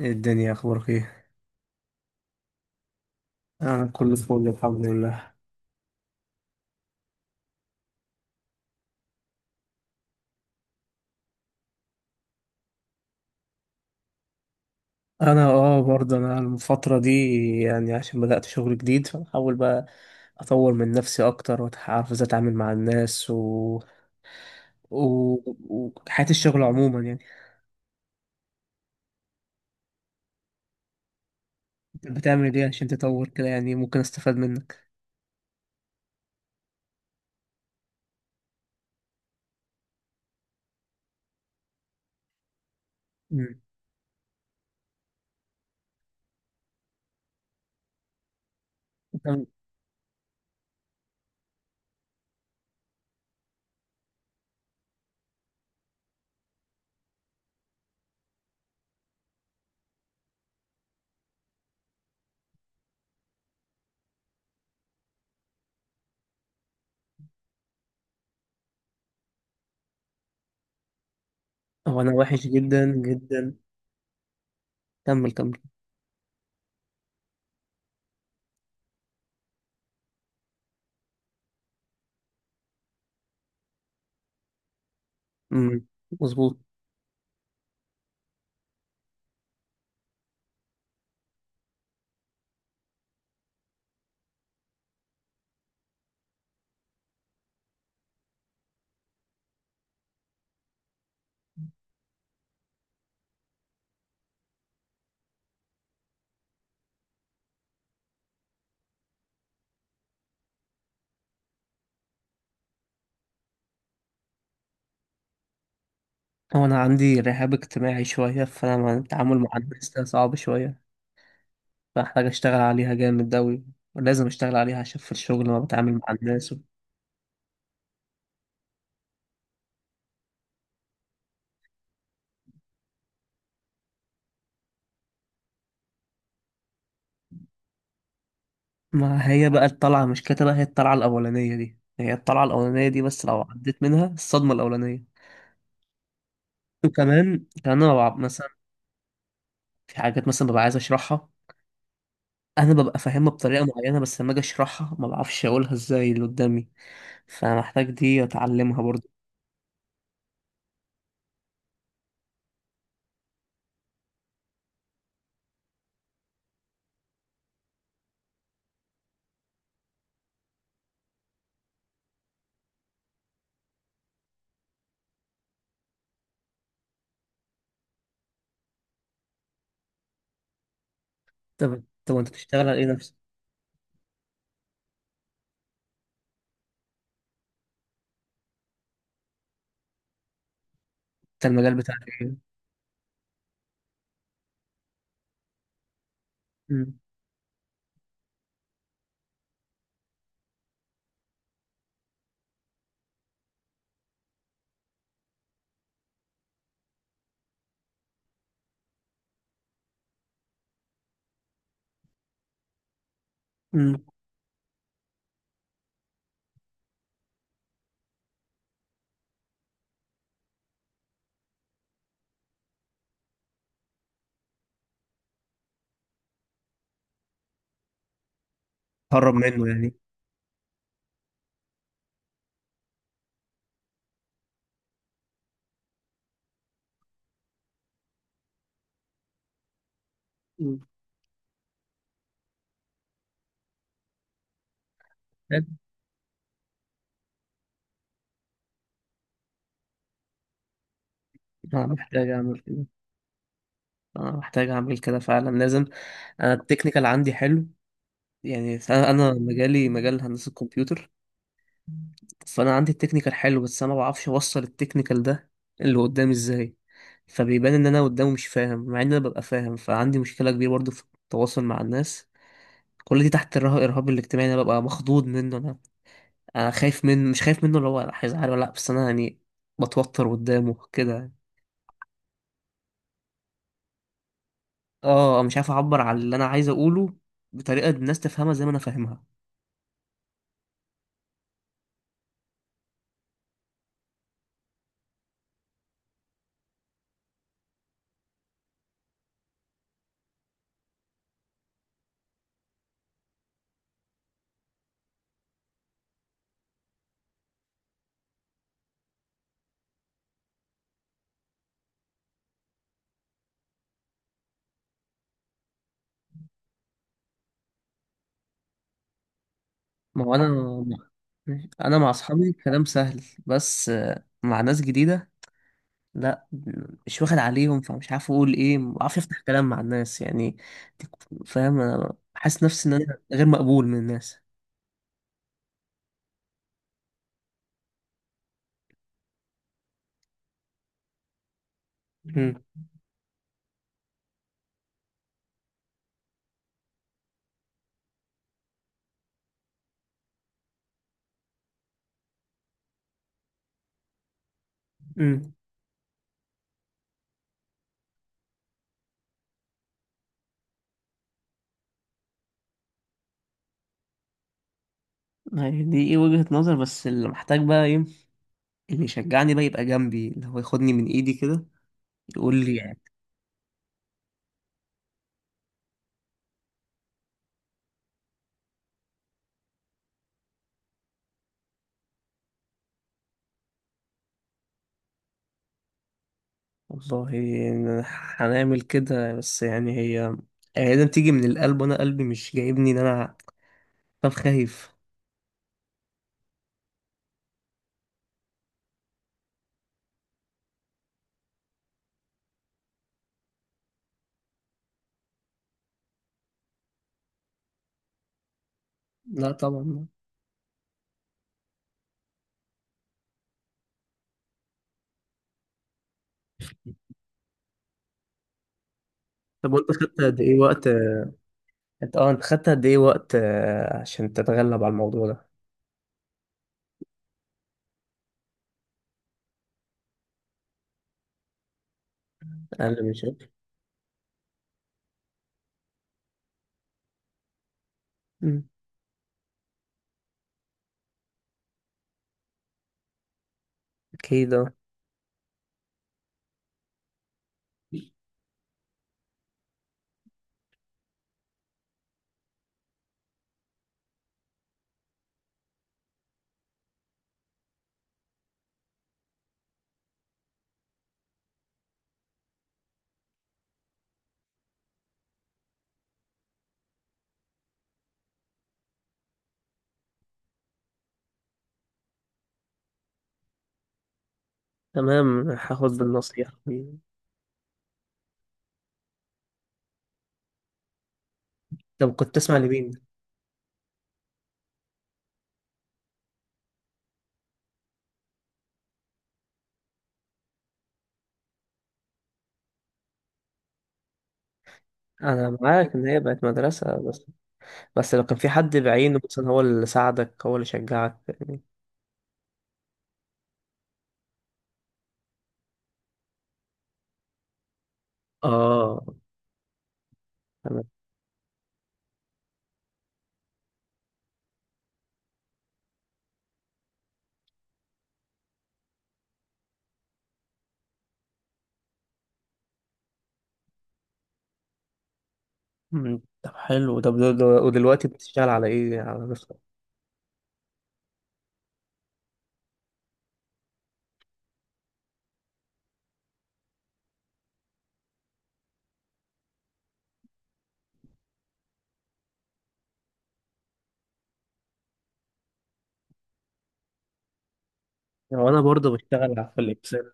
إيه الدنيا، اخبارك ايه؟ انا كله فل، الحمد لله. انا برضه الفتره دي، يعني عشان بدات شغل جديد، فبحاول بقى اطور من نفسي اكتر واعرف ازاي اتعامل مع الناس و... وحياه الشغل عموما يعني. أنت بتعمل ايه عشان تطور كده؟ يعني ممكن استفاد منك. مم. طب هو انا وحش جدا جدا. كمل كمل. مم. مظبوط. هو انا عندي رهاب اجتماعي شويه، فانا التعامل مع الناس ده صعب شويه، فاحتاج اشتغل عليها جامد اوي. ولازم اشتغل عليها عشان في الشغل ما بتعامل مع الناس و... ما هي بقى الطلعة مش كده، هي الطلعة الأولانية دي، هي الطلعة الأولانية دي بس لو عديت منها الصدمة الأولانية. وكمان كمان أنا ببقى مثلا في حاجات مثلا ببقى عايز أشرحها، أنا ببقى فاهمها بطريقة معينة، بس لما أجي أشرحها ما بعرفش أقولها إزاي اللي قدامي. فمحتاج دي أتعلمها برضه. طب أنت بتشتغل على إيه نفسك؟ أنت المجال بتاعك إيه؟ مم. مم. هرب منه يعني. مم. أنا محتاج أعمل كده. انا محتاج اعمل كده فعلا، لازم. انا التكنيكال عندي حلو، يعني انا مجالي مجال هندسة الكمبيوتر. فانا عندي التكنيكال حلو، بس انا ما بعرفش اوصل التكنيكال ده اللي قدامي ازاي. فبيبان ان انا قدامه مش فاهم مع ان انا ببقى فاهم، فعندي مشكله كبيره برضو في التواصل مع الناس. كل دي تحت الرهاب الاجتماعي، انا ببقى مخضوض منه. انا انا خايف منه، مش خايف منه اللي هو هيزعل ولا لا، بس انا يعني بتوتر قدامه كده. اه مش عارف اعبر عن اللي انا عايز اقوله بطريقه الناس تفهمها زي ما انا فاهمها. ما هو انا مع اصحابي كلام سهل، بس مع ناس جديده، لا مش واخد عليهم، فمش عارف اقول ايه، ما بعرفش افتح كلام مع الناس يعني. فاهم، انا حاسس نفسي ان انا غير مقبول من الناس. مم. مم. يعني دي ايه، وجهة نظر، بس اللي محتاج بقى ايه، اللي يشجعني بقى يبقى جنبي، اللي هو ياخدني من ايدي كده يقول لي يعني. والله هنعمل كده، بس يعني هي لازم تيجي من القلب، وانا قلبي مش جايبني ان انا. طب خايف. لا طبعا. طب وانت خدت قد ايه وقت؟ انت خدت قد ايه وقت عشان تتغلب على الموضوع ده. اقل من شهر. مم. اكيد اه. تمام، هاخد بالنصيحة دي. طب كنت تسمع لمين؟ انا معاك ان هي بقت مدرسة، بس بس لو كان في حد بعينه مثلا، هو اللي ساعدك، هو اللي شجعك يعني. اه. تمام. مم. طب حلو. طب ودلوقتي بتشتغل على ايه، على نفسك؟ وانا برضه بشتغل في الاكسل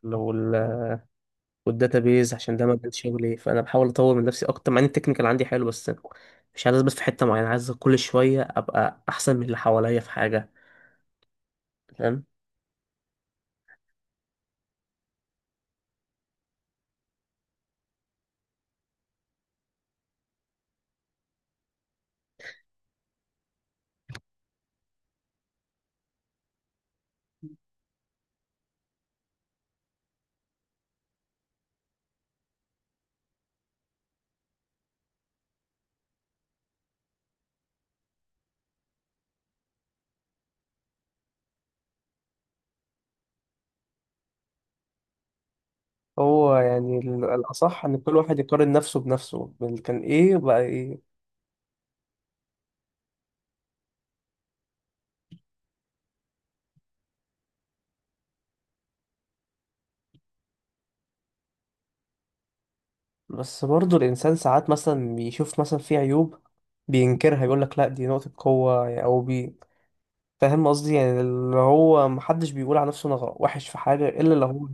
والداتابيز عشان ده مجال شغلي، فانا بحاول اطور من نفسي اكتر مع ان التكنيكال عندي حلو، بس مش عايز، بس في حته معينه عايز كل شويه ابقى احسن من اللي حواليا في حاجه. فاهم. هو يعني الأصح إن كل واحد يقارن نفسه بنفسه، كان إيه بقى إيه. بس برضه الإنسان ساعات مثلا بيشوف مثلا في عيوب بينكرها، يقول لك لأ دي نقطة قوة يعني، أو بي فاهم قصدي؟ يعني اللي هو محدش بيقول على نفسه أنا وحش في حاجة إلا لو.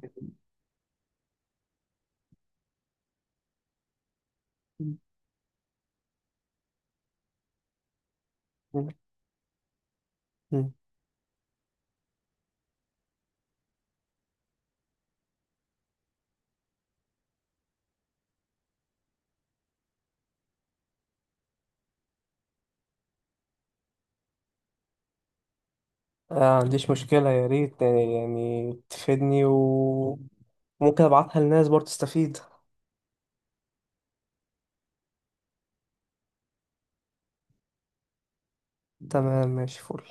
هو عنديش مشكلة، يا ريت يعني تفيدني، وممكن أبعتها للناس برضه تستفيد. تمام، ماشي، فل.